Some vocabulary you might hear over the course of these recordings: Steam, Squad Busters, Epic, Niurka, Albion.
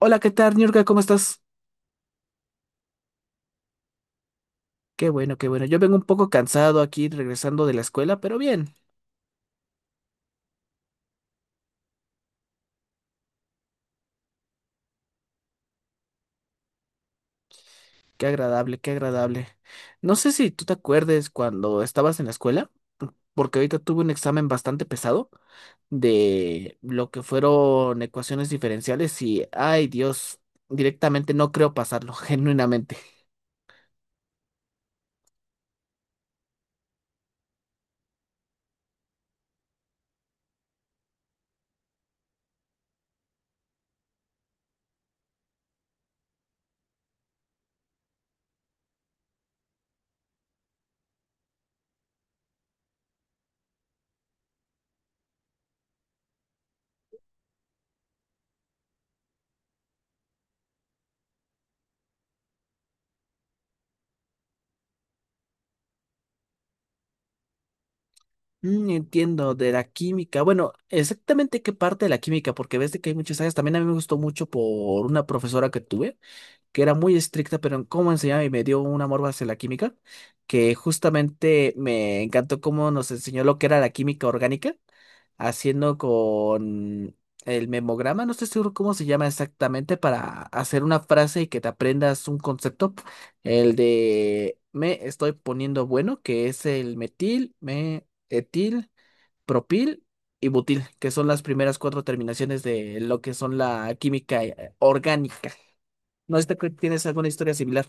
Hola, ¿qué tal, Niurka? ¿Cómo estás? Qué bueno, qué bueno. Yo vengo un poco cansado aquí regresando de la escuela, pero bien. Qué agradable, qué agradable. No sé si tú te acuerdes cuando estabas en la escuela, porque ahorita tuve un examen bastante pesado de lo que fueron ecuaciones diferenciales y, ay Dios, directamente no creo pasarlo, genuinamente. Entiendo, de la química. Bueno, exactamente qué parte de la química, porque ves de que hay muchas áreas. También a mí me gustó mucho por una profesora que tuve que era muy estricta, pero en cómo enseñaba y me dio un amor hacia la química, que justamente me encantó cómo nos enseñó lo que era la química orgánica, haciendo con el memograma, no estoy seguro cómo se llama exactamente, para hacer una frase y que te aprendas un concepto, el de me estoy poniendo bueno, que es el metil, me, etil, propil. Y butil, que son las primeras cuatro terminaciones de lo que son la química orgánica. No sé si tienes alguna historia similar.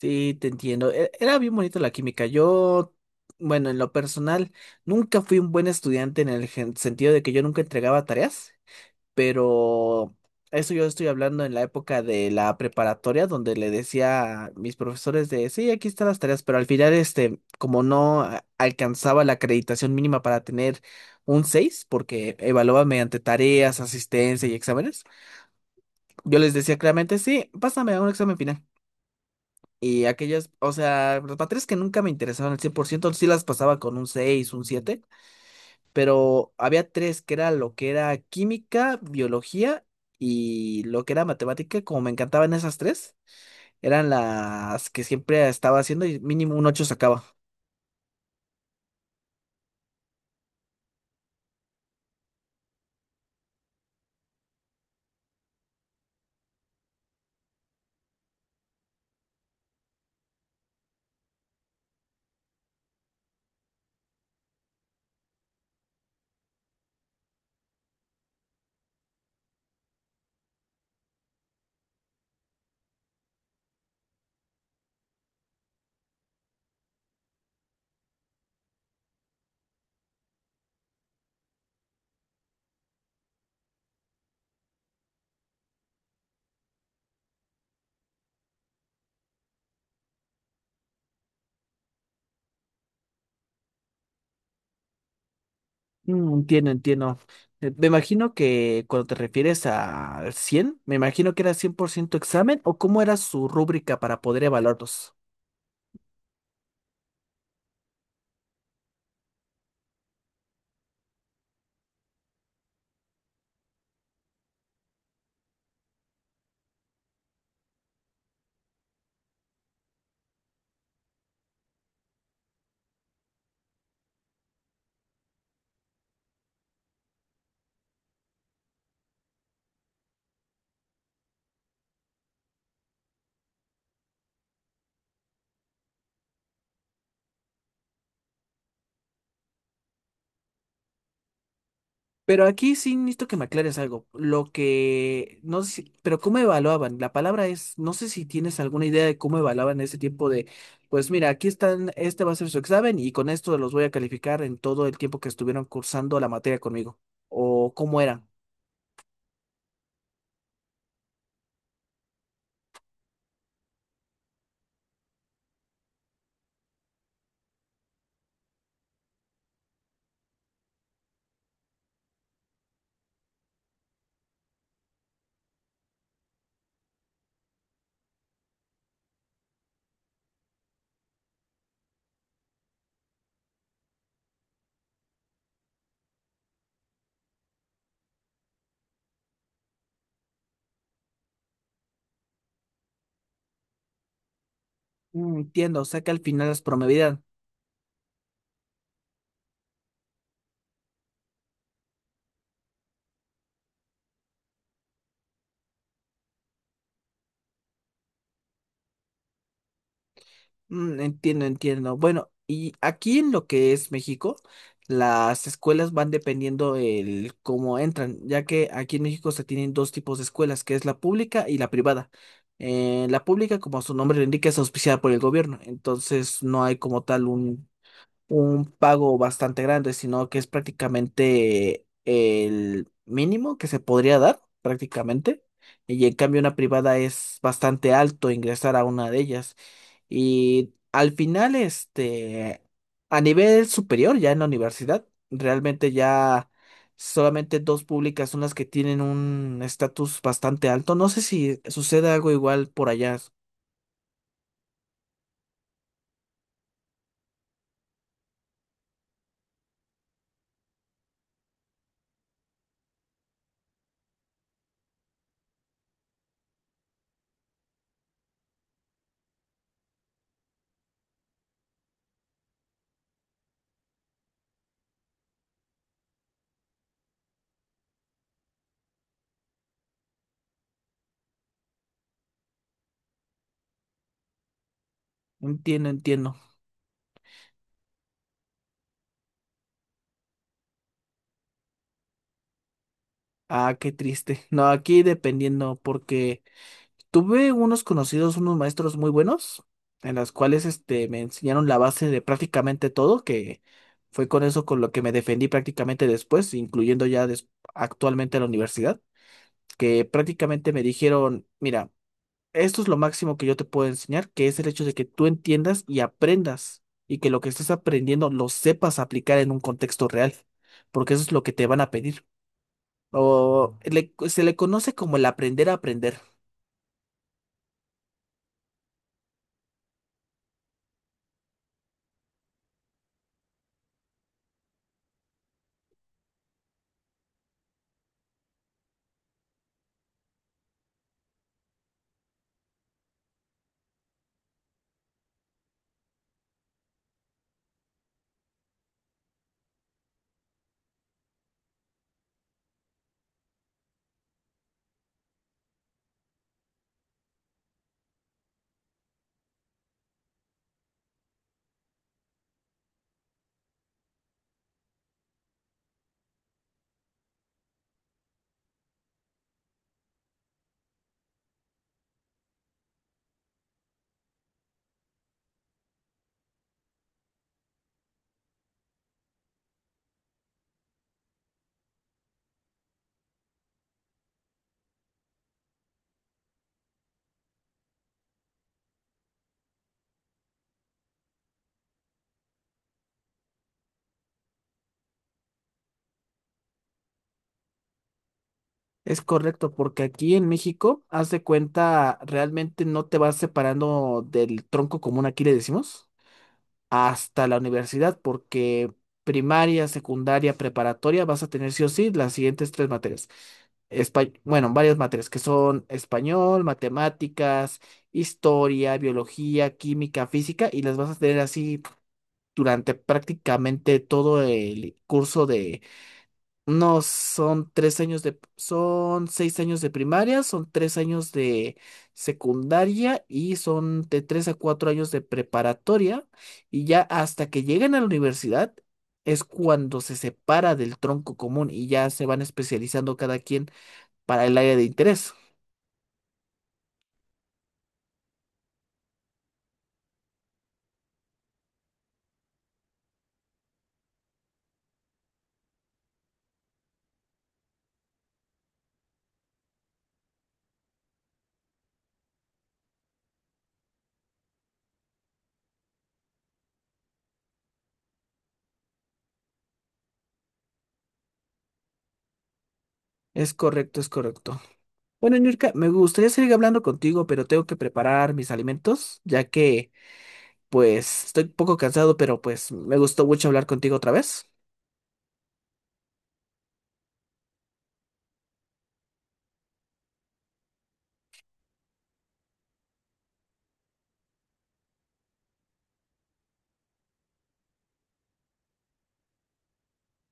Sí, te entiendo. Era bien bonito la química. Yo, bueno, en lo personal, nunca fui un buen estudiante en el sentido de que yo nunca entregaba tareas, pero eso yo estoy hablando en la época de la preparatoria, donde le decía a mis profesores de, sí, aquí están las tareas, pero al final, este, como no alcanzaba la acreditación mínima para tener un 6 porque evaluaba mediante tareas, asistencia y exámenes, yo les decía claramente, sí, pásame a un examen final. Y aquellas, o sea, las materias que nunca me interesaban al 100% sí las pasaba con un 6 un 7, pero había tres que era lo que era química, biología y lo que era matemática, como me encantaban esas tres, eran las que siempre estaba haciendo y mínimo un 8 sacaba. Entiendo, entiendo. Me imagino que cuando te refieres al 100, me imagino que era 100% examen, o cómo era su rúbrica para poder evaluarlos. Pero aquí sí necesito que me aclares algo. Lo que, no sé, pero ¿cómo evaluaban? La palabra es, no sé si tienes alguna idea de cómo evaluaban ese tiempo de, pues mira, aquí están, este va a ser su examen y con esto los voy a calificar en todo el tiempo que estuvieron cursando la materia conmigo. O cómo era. Entiendo, o sea que al final las promedian. Entiendo, entiendo. Bueno, y aquí en lo que es México, las escuelas van dependiendo el cómo entran, ya que aquí en México se tienen dos tipos de escuelas, que es la pública y la privada. La pública, como su nombre lo indica, es auspiciada por el gobierno, entonces no hay como tal un pago bastante grande, sino que es prácticamente el mínimo que se podría dar, prácticamente. Y en cambio una privada es bastante alto ingresar a una de ellas. Y al final, este, a nivel superior, ya en la universidad, realmente ya solamente dos públicas son las que tienen un estatus bastante alto. No sé si sucede algo igual por allá. Entiendo, entiendo. Ah, qué triste. No, aquí dependiendo, porque tuve unos conocidos, unos maestros muy buenos, en las cuales este, me enseñaron la base de prácticamente todo, que fue con eso con lo que me defendí prácticamente después, incluyendo ya actualmente la universidad, que prácticamente me dijeron, mira, esto es lo máximo que yo te puedo enseñar, que es el hecho de que tú entiendas y aprendas, y que lo que estés aprendiendo lo sepas aplicar en un contexto real, porque eso es lo que te van a pedir. O se le conoce como el aprender a aprender. Es correcto, porque aquí en México, haz de cuenta, realmente no te vas separando del tronco común, aquí le decimos, hasta la universidad, porque primaria, secundaria, preparatoria, vas a tener sí o sí las siguientes tres materias. Bueno, varias materias que son español, matemáticas, historia, biología, química, física, y las vas a tener así durante prácticamente todo el curso. No, son 3 años de, son 6 años de primaria, son 3 años de secundaria y son de 3 a 4 años de preparatoria. Y ya hasta que lleguen a la universidad es cuando se separa del tronco común y ya se van especializando cada quien para el área de interés. Es correcto, es correcto. Bueno, Nurka, me gustaría seguir hablando contigo, pero tengo que preparar mis alimentos, ya que pues estoy un poco cansado, pero pues me gustó mucho hablar contigo otra vez.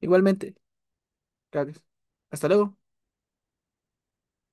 Igualmente. Gracias. Hasta luego.